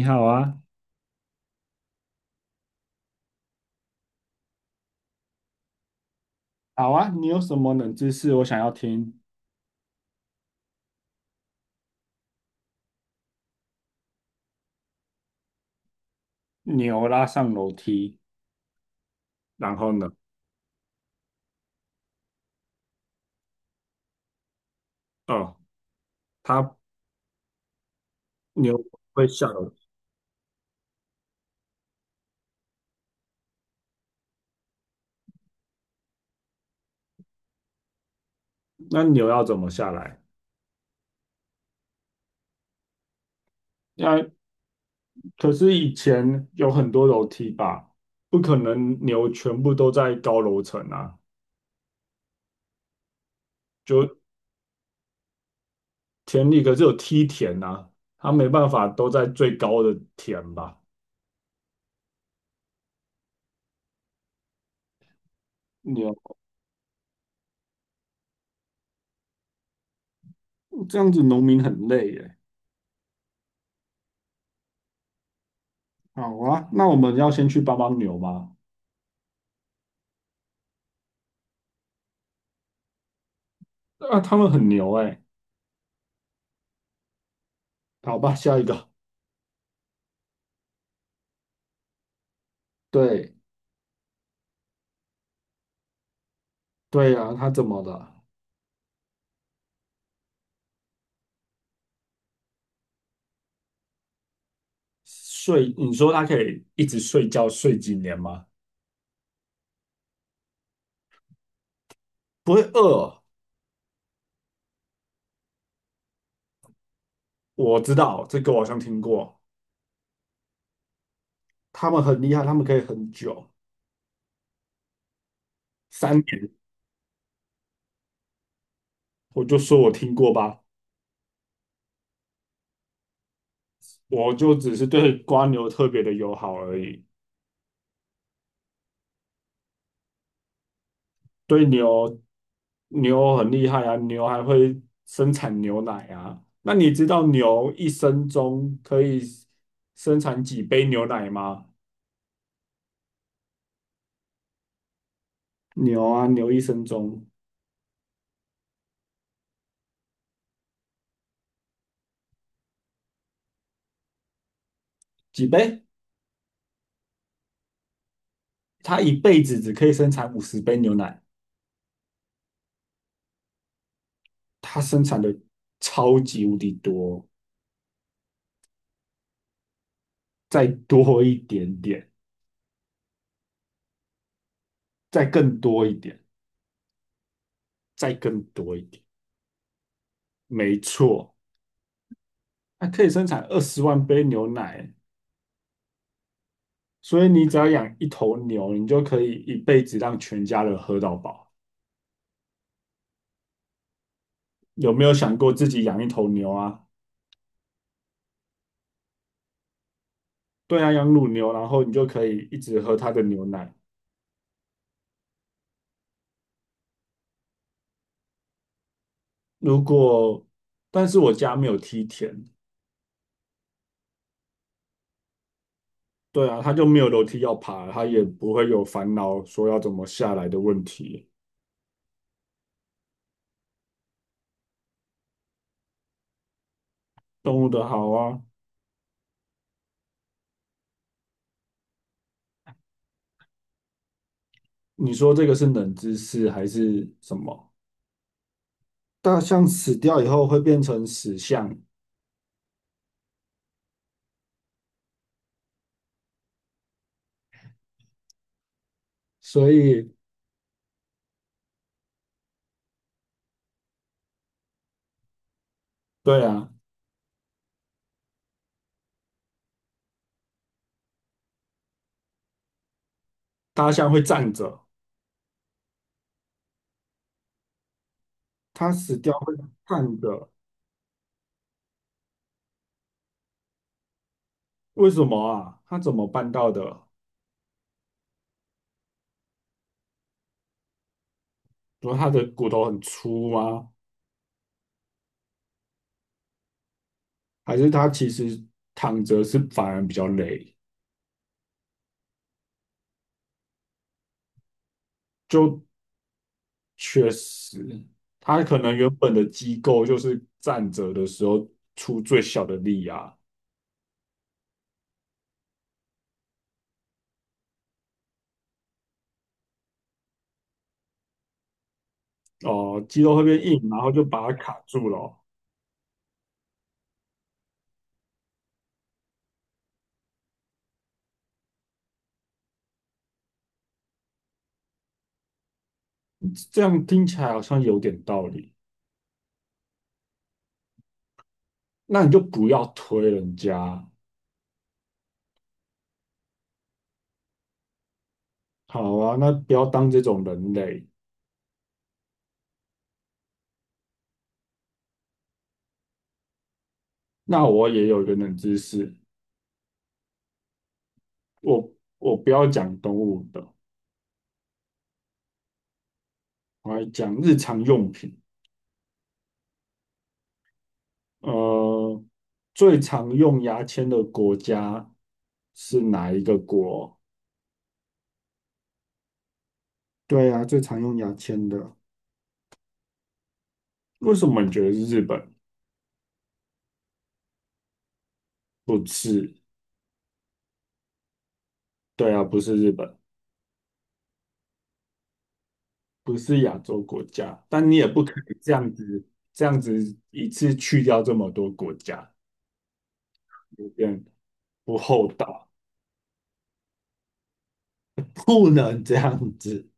你好啊，好啊，你有什么冷知识？我想要听。牛拉上楼梯，然后呢？哦，它牛会下楼梯，那牛要怎么下来？那可是以前有很多楼梯吧，不可能牛全部都在高楼层啊，就田里可是有梯田啊，它没办法都在最高的田吧？牛这样子农民很累耶。好啊，那我们要先去帮帮牛吗？啊，他们很牛哎。好吧，下一个。对对呀、啊他怎么了？睡，你说他可以一直睡觉睡几年吗？不会饿？我知道这个，我好像听过。他们很厉害，他们可以很久，三年。我就说我听过吧，我就只是对瓜牛特别的友好而已。对牛，牛很厉害啊，牛还会生产牛奶啊。那你知道牛一生中可以生产几杯牛奶吗？牛啊，牛一生中几杯？它一辈子只可以生产50杯牛奶，它生产的超级无敌多，再多一点点，再更多一点，再更多一点，没错，它可以生产20万杯牛奶，所以你只要养一头牛，你就可以一辈子让全家人喝到饱。有没有想过自己养一头牛啊？对啊，养乳牛，然后你就可以一直喝它的牛奶。如果，但是我家没有梯田，对啊，它就没有楼梯要爬，它也不会有烦恼说要怎么下来的问题。动物的好啊，你说这个是冷知识还是什么？大象死掉以后会变成死象，所以对啊，大象会站着，它死掉会站着，为什么啊？它怎么办到的？说它的骨头很粗吗？还是它其实躺着是反而比较累？就确实，他可能原本的机构就是站着的时候出最小的力啊，哦，肌肉会变硬，然后就把它卡住了哦。这样听起来好像有点道理。那你就不要推人家，好啊，那不要当这种人类。那我也有一个冷知识，我我不要讲动物的，我来讲日常用品。呃，最常用牙签的国家是哪一个国？对啊，最常用牙签的。为什么你觉得是日本不是？对啊，不是日本，不是亚洲国家，但你也不可以这样子，这样子一次去掉这么多国家，有点不厚道，不能这样子。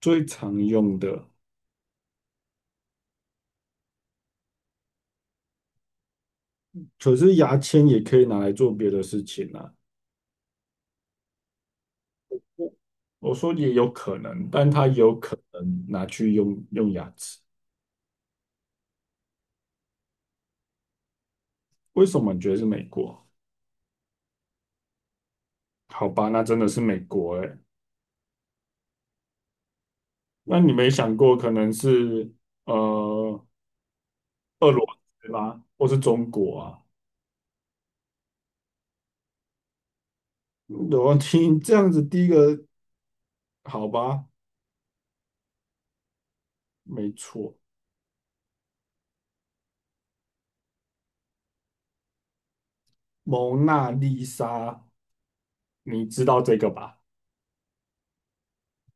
最常用的，可是牙签也可以拿来做别的事情啊。我说也有可能，但它有可能拿去用用牙齿。为什么你觉得是美国？好吧，那真的是美国诶、那你没想过可能是呃俄罗斯吗，或是中国啊？我听这样子，第一个好吧，没错，蒙娜丽莎，你知道这个吧？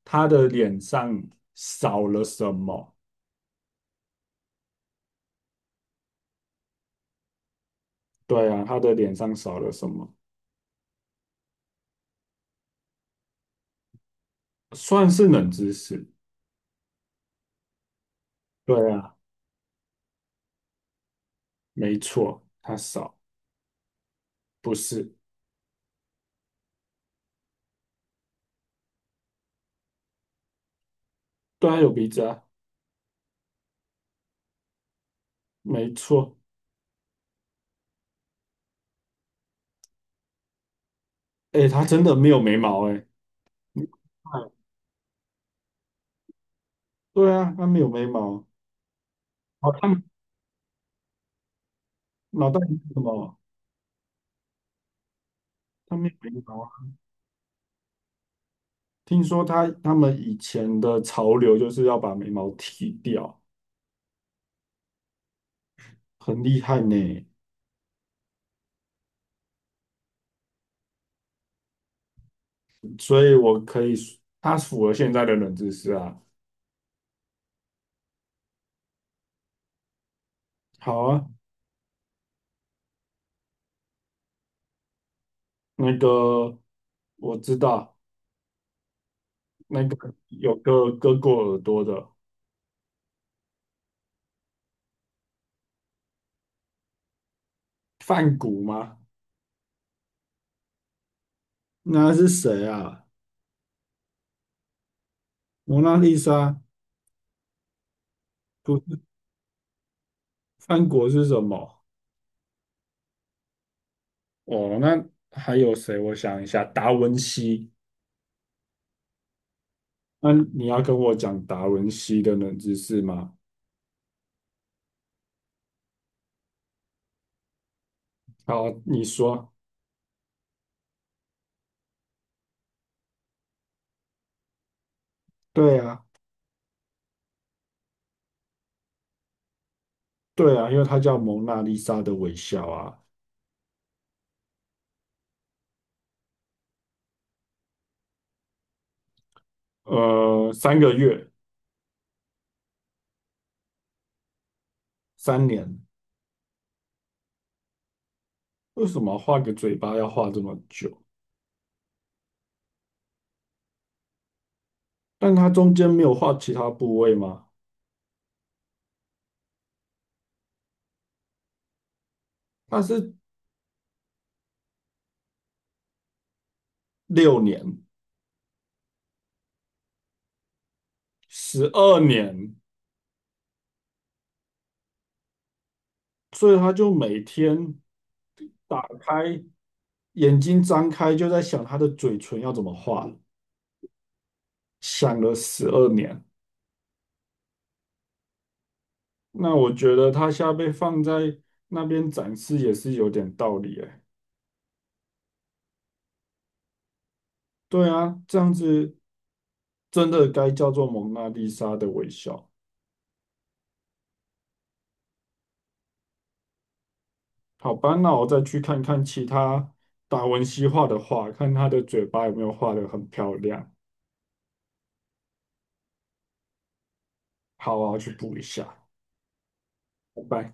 她的脸上少了什么？对啊，她的脸上少了什么？算是冷知识，对啊，没错，她少，不是，对啊，有鼻子啊，没错，哎，她真的没有眉毛，哎，你看对啊，她没有眉毛。哦，他脑袋有什么？他没有眉毛啊。听说他们以前的潮流就是要把眉毛剃掉，很厉害呢。所以我可以说，他符合现在的冷知识啊。好啊，那个我知道，那个有个割过耳朵的梵谷吗？那是谁啊？蒙娜丽莎不是梵谷是什么？哦，那还有谁？我想一下，达文西。那你要跟我讲达文西的冷知识吗？好，你说。对啊，对啊，因为他叫蒙娜丽莎的微笑啊。呃，3个月，三年，为什么画个嘴巴要画这么久？但他中间没有画其他部位吗？他是6年，十二年，所以他就每天打开眼睛张开，就在想他的嘴唇要怎么画，想了十二年。那我觉得他现在被放在那边展示也是有点道理哎。对啊，这样子真的该叫做蒙娜丽莎的微笑。好吧，那我再去看看其他达文西画的画，看他的嘴巴有没有画的很漂亮。好啊，我去补一下。拜拜。